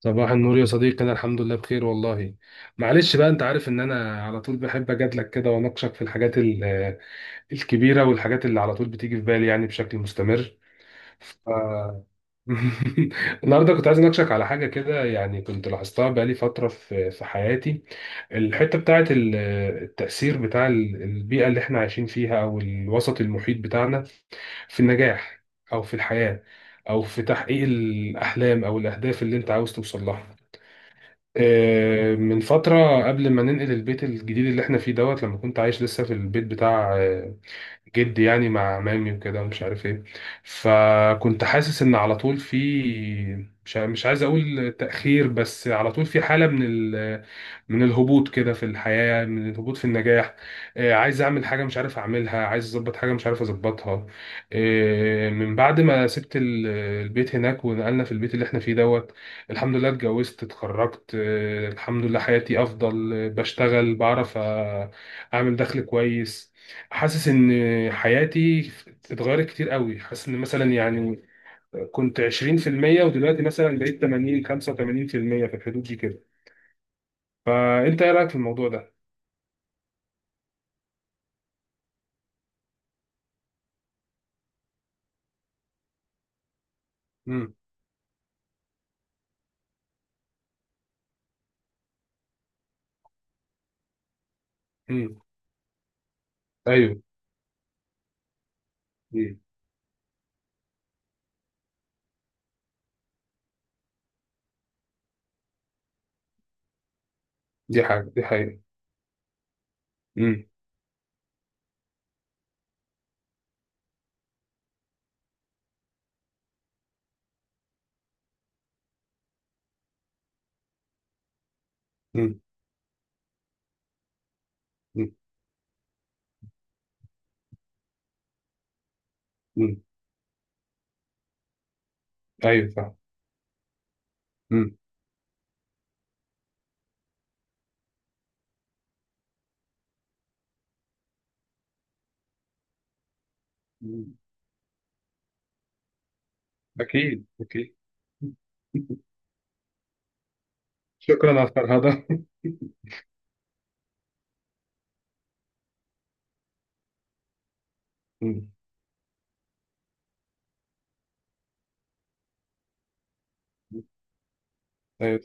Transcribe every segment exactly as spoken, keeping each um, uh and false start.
صباح النور يا صديقي، انا الحمد لله بخير والله. معلش بقى، انت عارف ان انا على طول بحب اجادلك كده واناقشك في الحاجات ال- آه، الكبيره والحاجات اللي على طول بتيجي في بالي، يعني بشكل مستمر. ف... النهارده كنت عايز اناقشك على حاجه كده، يعني كنت لاحظتها بقالي فتره في في حياتي. الحته بتاعت ال- آه، التاثير بتاع ال- البيئه اللي احنا عايشين فيها او الوسط المحيط بتاعنا في النجاح، او في الحياه، او في تحقيق الاحلام او الاهداف اللي انت عاوز توصل لها. آه، من فترة قبل ما ننقل البيت الجديد اللي احنا فيه دوت، لما كنت عايش لسه في البيت بتاع آه، جدي، يعني مع مامي وكده ومش عارف ايه. فكنت حاسس ان على طول في، مش ع- مش عايز اقول تأخير، بس على طول في حالة من ال... من الهبوط كده في الحياة، من الهبوط في النجاح. آه، عايز اعمل حاجة مش عارف اعملها، عايز اظبط حاجة مش عارف اظبطها. آه، من بعد ما سبت ال- البيت هناك ونقلنا في البيت اللي احنا فيه دوت، الحمد لله اتجوزت، اتخرجت، آه، الحمد لله حياتي افضل، آه، بشتغل، بعرف آه، اعمل دخل كويس. حاسس ان حياتي اتغيرت كتير قوي. حاسس ان مثلا يعني كنت عشرين في المية، ودلوقتي مثلا بقيت تمانين خمسة وثمانين في المية في المية، في الحدود دي كده. فانت ايه رايك في الموضوع ده؟ امم، امم، ايوه، مم. دي حاجه، دي حقيقه. امم، امم، امم، ايوه فاهم. امم، مم. اكيد اكيد. شكرا على الفرهده. امم، ايوه،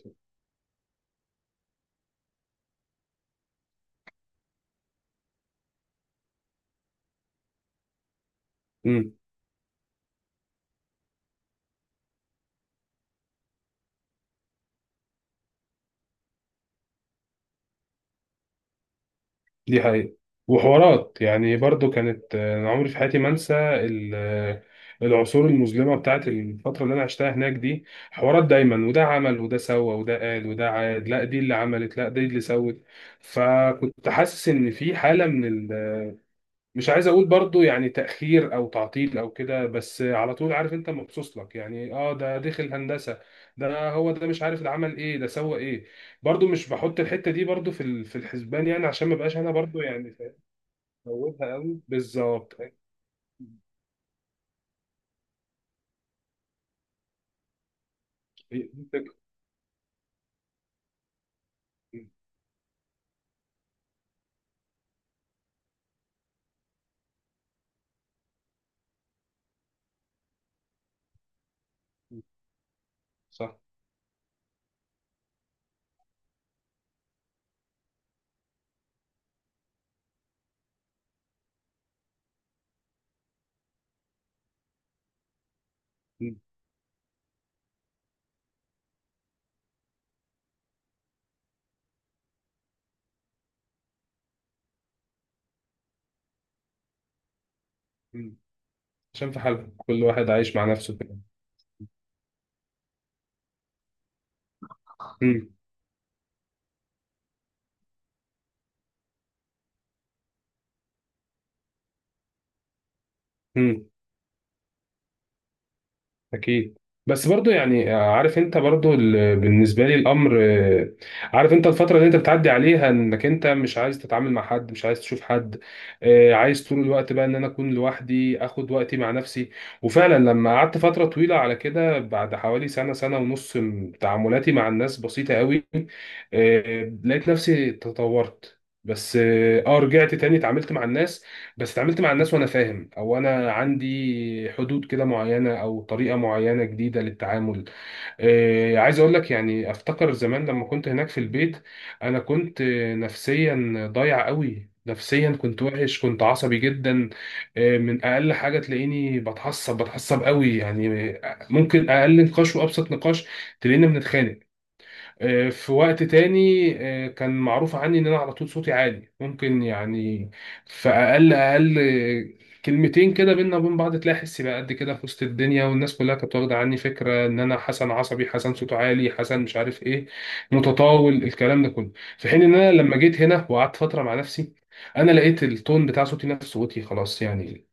دي حقيقة. وحوارات يعني برضو كانت، آه، أنا عمري في حياتي ما أنسى ال- آه، العصور المظلمة بتاعت الفترة اللي أنا عشتها هناك دي. حوارات دايما، وده عمل، وده سوى، وده قال، وده عاد، لا دي اللي عملت، لا دي اللي سوت. فكنت حاسس إن في حالة من ال... مش عايز أقول برضو يعني تأخير أو تعطيل أو كده، بس على طول عارف أنت، مبسوط لك يعني، أه ده دخل هندسة، ده هو ده مش عارف، ده عمل ايه، ده سوى ايه. برضو مش بحط الحته دي برضو في ال- في الحسبان، يعني عشان ما بقاش انا برضو يعني. هوبها قوي، بالظبط هي. دي الفكرة. مم. مم. صح. مم. مم. عشان في حالهم، كل واحد عايش مع نفسه كده. مم. مم. اكيد. بس برضو يعني آه، عارف انت، برضو ال- بالنسبه لي الامر، آه، عارف انت الفتره اللي انت بتعدي عليها، انك انت مش عايز تتعامل مع حد، مش عايز تشوف حد. آه، عايز طول الوقت بقى ان انا اكون لوحدي، اخد وقتي مع نفسي. وفعلا لما قعدت فتره طويله على كده، بعد حوالي سنه سنه ونص، م- تعاملاتي مع الناس بسيطه قوي. آه، لقيت نفسي تطورت. بس اه، آه، رجعت تاني اتعاملت مع الناس. بس اتعاملت مع الناس وانا فاهم، او انا عندي حدود كده معينه او طريقه معينه جديده للتعامل. آه، عايز اقول لك يعني، افتكر زمان لما كنت هناك في البيت، انا كنت آه، نفسيا ضايع قوي. نفسيا كنت وحش، كنت عصبي جدا. آه، من اقل حاجه تلاقيني بتعصب بتعصب قوي يعني. آه، ممكن اقل نقاش وابسط نقاش تلاقينا بنتخانق. آه، في وقت تاني، آه، كان معروف عني ان انا على طول صوتي عالي، ممكن يعني في اقل اقل آه، كلمتين كده بينا وبين بعض تلاقي حسي بقى قد كده في وسط الدنيا، والناس كلها كانت واخده عني فكره ان انا حسن عصبي، حسن صوته عالي، حسن مش عارف ايه، متطاول، الكلام ده كله. في حين ان انا لما جيت هنا وقعدت فتره مع نفسي، انا لقيت التون بتاع صوتي، نفس صوتي خلاص يعني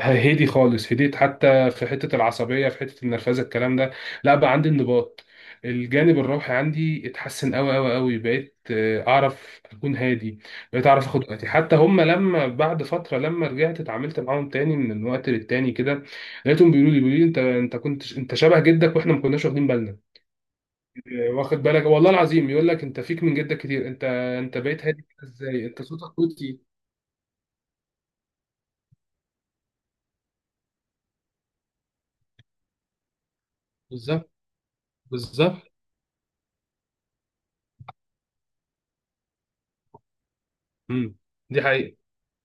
هدي خالص. هديت حتى في حتة العصبية، في حتة النرفزة، الكلام ده لا، بقى عندي انضباط. الجانب الروحي عندي اتحسن قوي قوي قوي. بقيت آه، اعرف اكون هادي. بقيت اعرف اخد وقتي. حتى هم لما بعد فترة لما رجعت اتعاملت معاهم تاني من وقت للتاني كده، لقيتهم بيقولوا لي بيقولوا لي انت، انت كنت انت شبه جدك، واحنا ما كناش واخدين بالنا. آه، واخد بالك، والله العظيم يقول لك انت فيك من جدك كتير انت، انت بقيت هادي كده ازاي، انت صوتك صوتي. بالظبط. بالظبط. امم، دي حقيقة.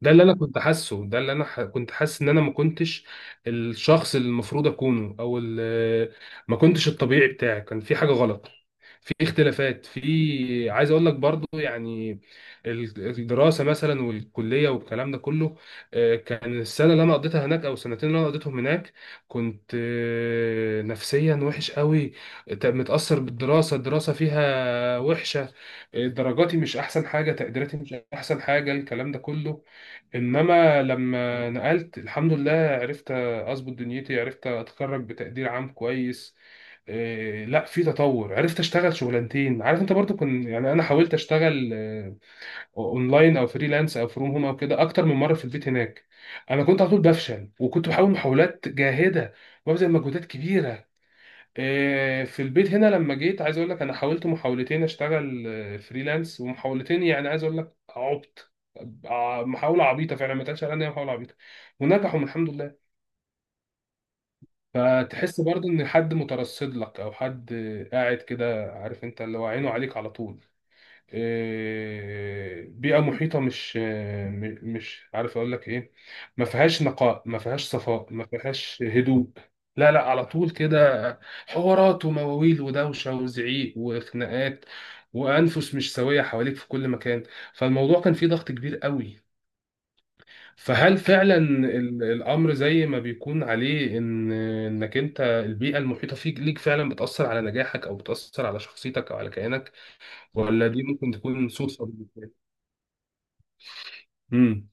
ده اللي انا كنت حاسه. ده اللي انا ح... كنت حاسس ان انا ما كنتش الشخص اللي المفروض اكونه، او ال... ما كنتش الطبيعي بتاعي، كان في حاجه غلط. في اختلافات في، عايز اقول لك برضو يعني، ال- الدراسه مثلا والكليه والكلام ده كله، آه، كان السنه اللي انا قضيتها هناك او السنتين اللي انا قضيتهم هناك كنت آه، نفسيا وحش قوي، ت- متاثر بالدراسه، الدراسه فيها وحشه. آه، درجاتي مش احسن حاجه، تقديراتي مش احسن حاجه، الكلام ده كله. انما لما نقلت الحمد لله عرفت اظبط دنيتي، عرفت اتخرج بتقدير عام كويس، إيه لا في تطور. عرفت اشتغل شغلانتين. عارف انت، برضو كنت يعني انا حاولت اشتغل آه، اونلاين او فريلانس او فروم هوم او كده اكتر من مره في البيت هناك، انا كنت على طول بفشل، وكنت بحاول محاولات جاهده وببذل مجهودات كبيره. آه، في البيت هنا لما جيت، عايز اقول لك، انا حاولت محاولتين اشتغل آه، فريلانس، ومحاولتين يعني، عايز اقول لك عبط، ع- محاوله عبيطه فعلا، ما تقالش عليها إن هي محاوله عبيطه، ونجحوا الحمد لله. فتحس برضو ان حد مترصد لك، او حد آه، قاعد كده عارف انت، اللي هو عينه عليك على طول. آه، بيئة محيطة مش آه، م- مش عارف أقول لك إيه، ما فيهاش نقاء، ما فيهاش صفاء، ما فيهاش هدوء، لا لا، على طول كده حوارات ومواويل ودوشة وزعيق وخناقات، وأنفس مش سوية حواليك في كل مكان. فالموضوع كان فيه ضغط كبير قوي. فهل فعلا ال- الأمر زي ما بيكون عليه، إن إنك أنت البيئة المحيطة فيك ليك فعلا بتأثر على نجاحك، أو بتأثر على شخصيتك أو على كيانك، ولا دي ممكن تكون صدفة؟ امم،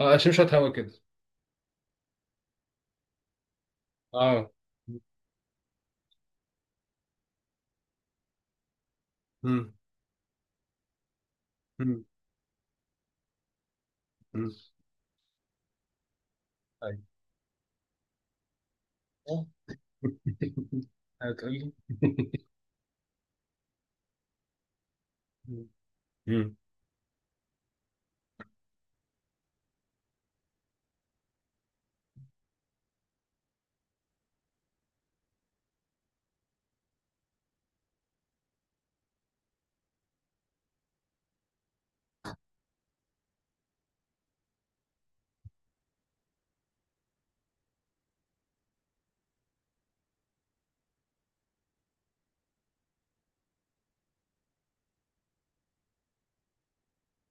اه شمشت هوا كده. اه. مم. مم. مم. ايوه. هتقول لي. مم. مم.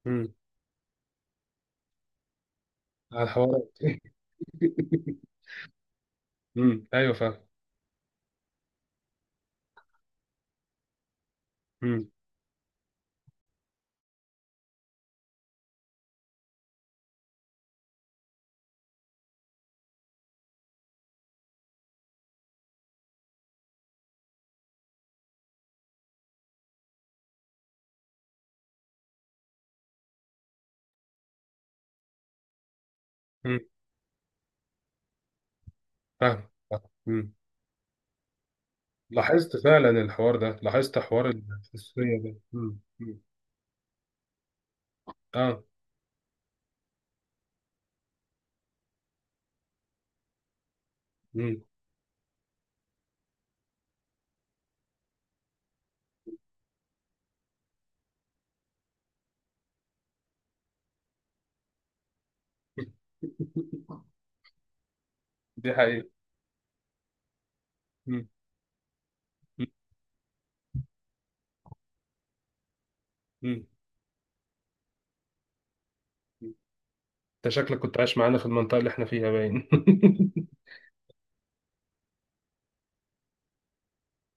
مم. على الحوارات. مم. ايوه فاهم. مم. مم. فاهم فاهم. مم. لاحظت فعلا الحوار ده، لاحظت حوار الحساسية ده. مم. مم. اه. مم. دي حقيقة. مم. مم. مم. انت شكلك كنت عايش معانا في المنطقة اللي احنا فيها باين.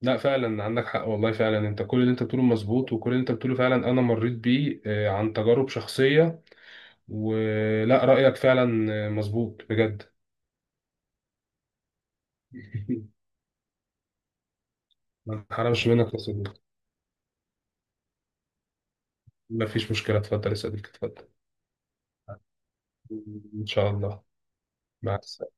لا فعلا عندك حق والله، فعلا انت كل اللي انت بتقوله مظبوط، وكل اللي انت بتقوله فعلا انا مريت بيه، آه، عن تجارب شخصية. ولا رأيك فعلا آه، مظبوط بجد. ما تحرمش منك يا صديقي. ما فيش مشكلة، اتفضل يا صديقي اتفضل. ان شاء الله. مع السلامة.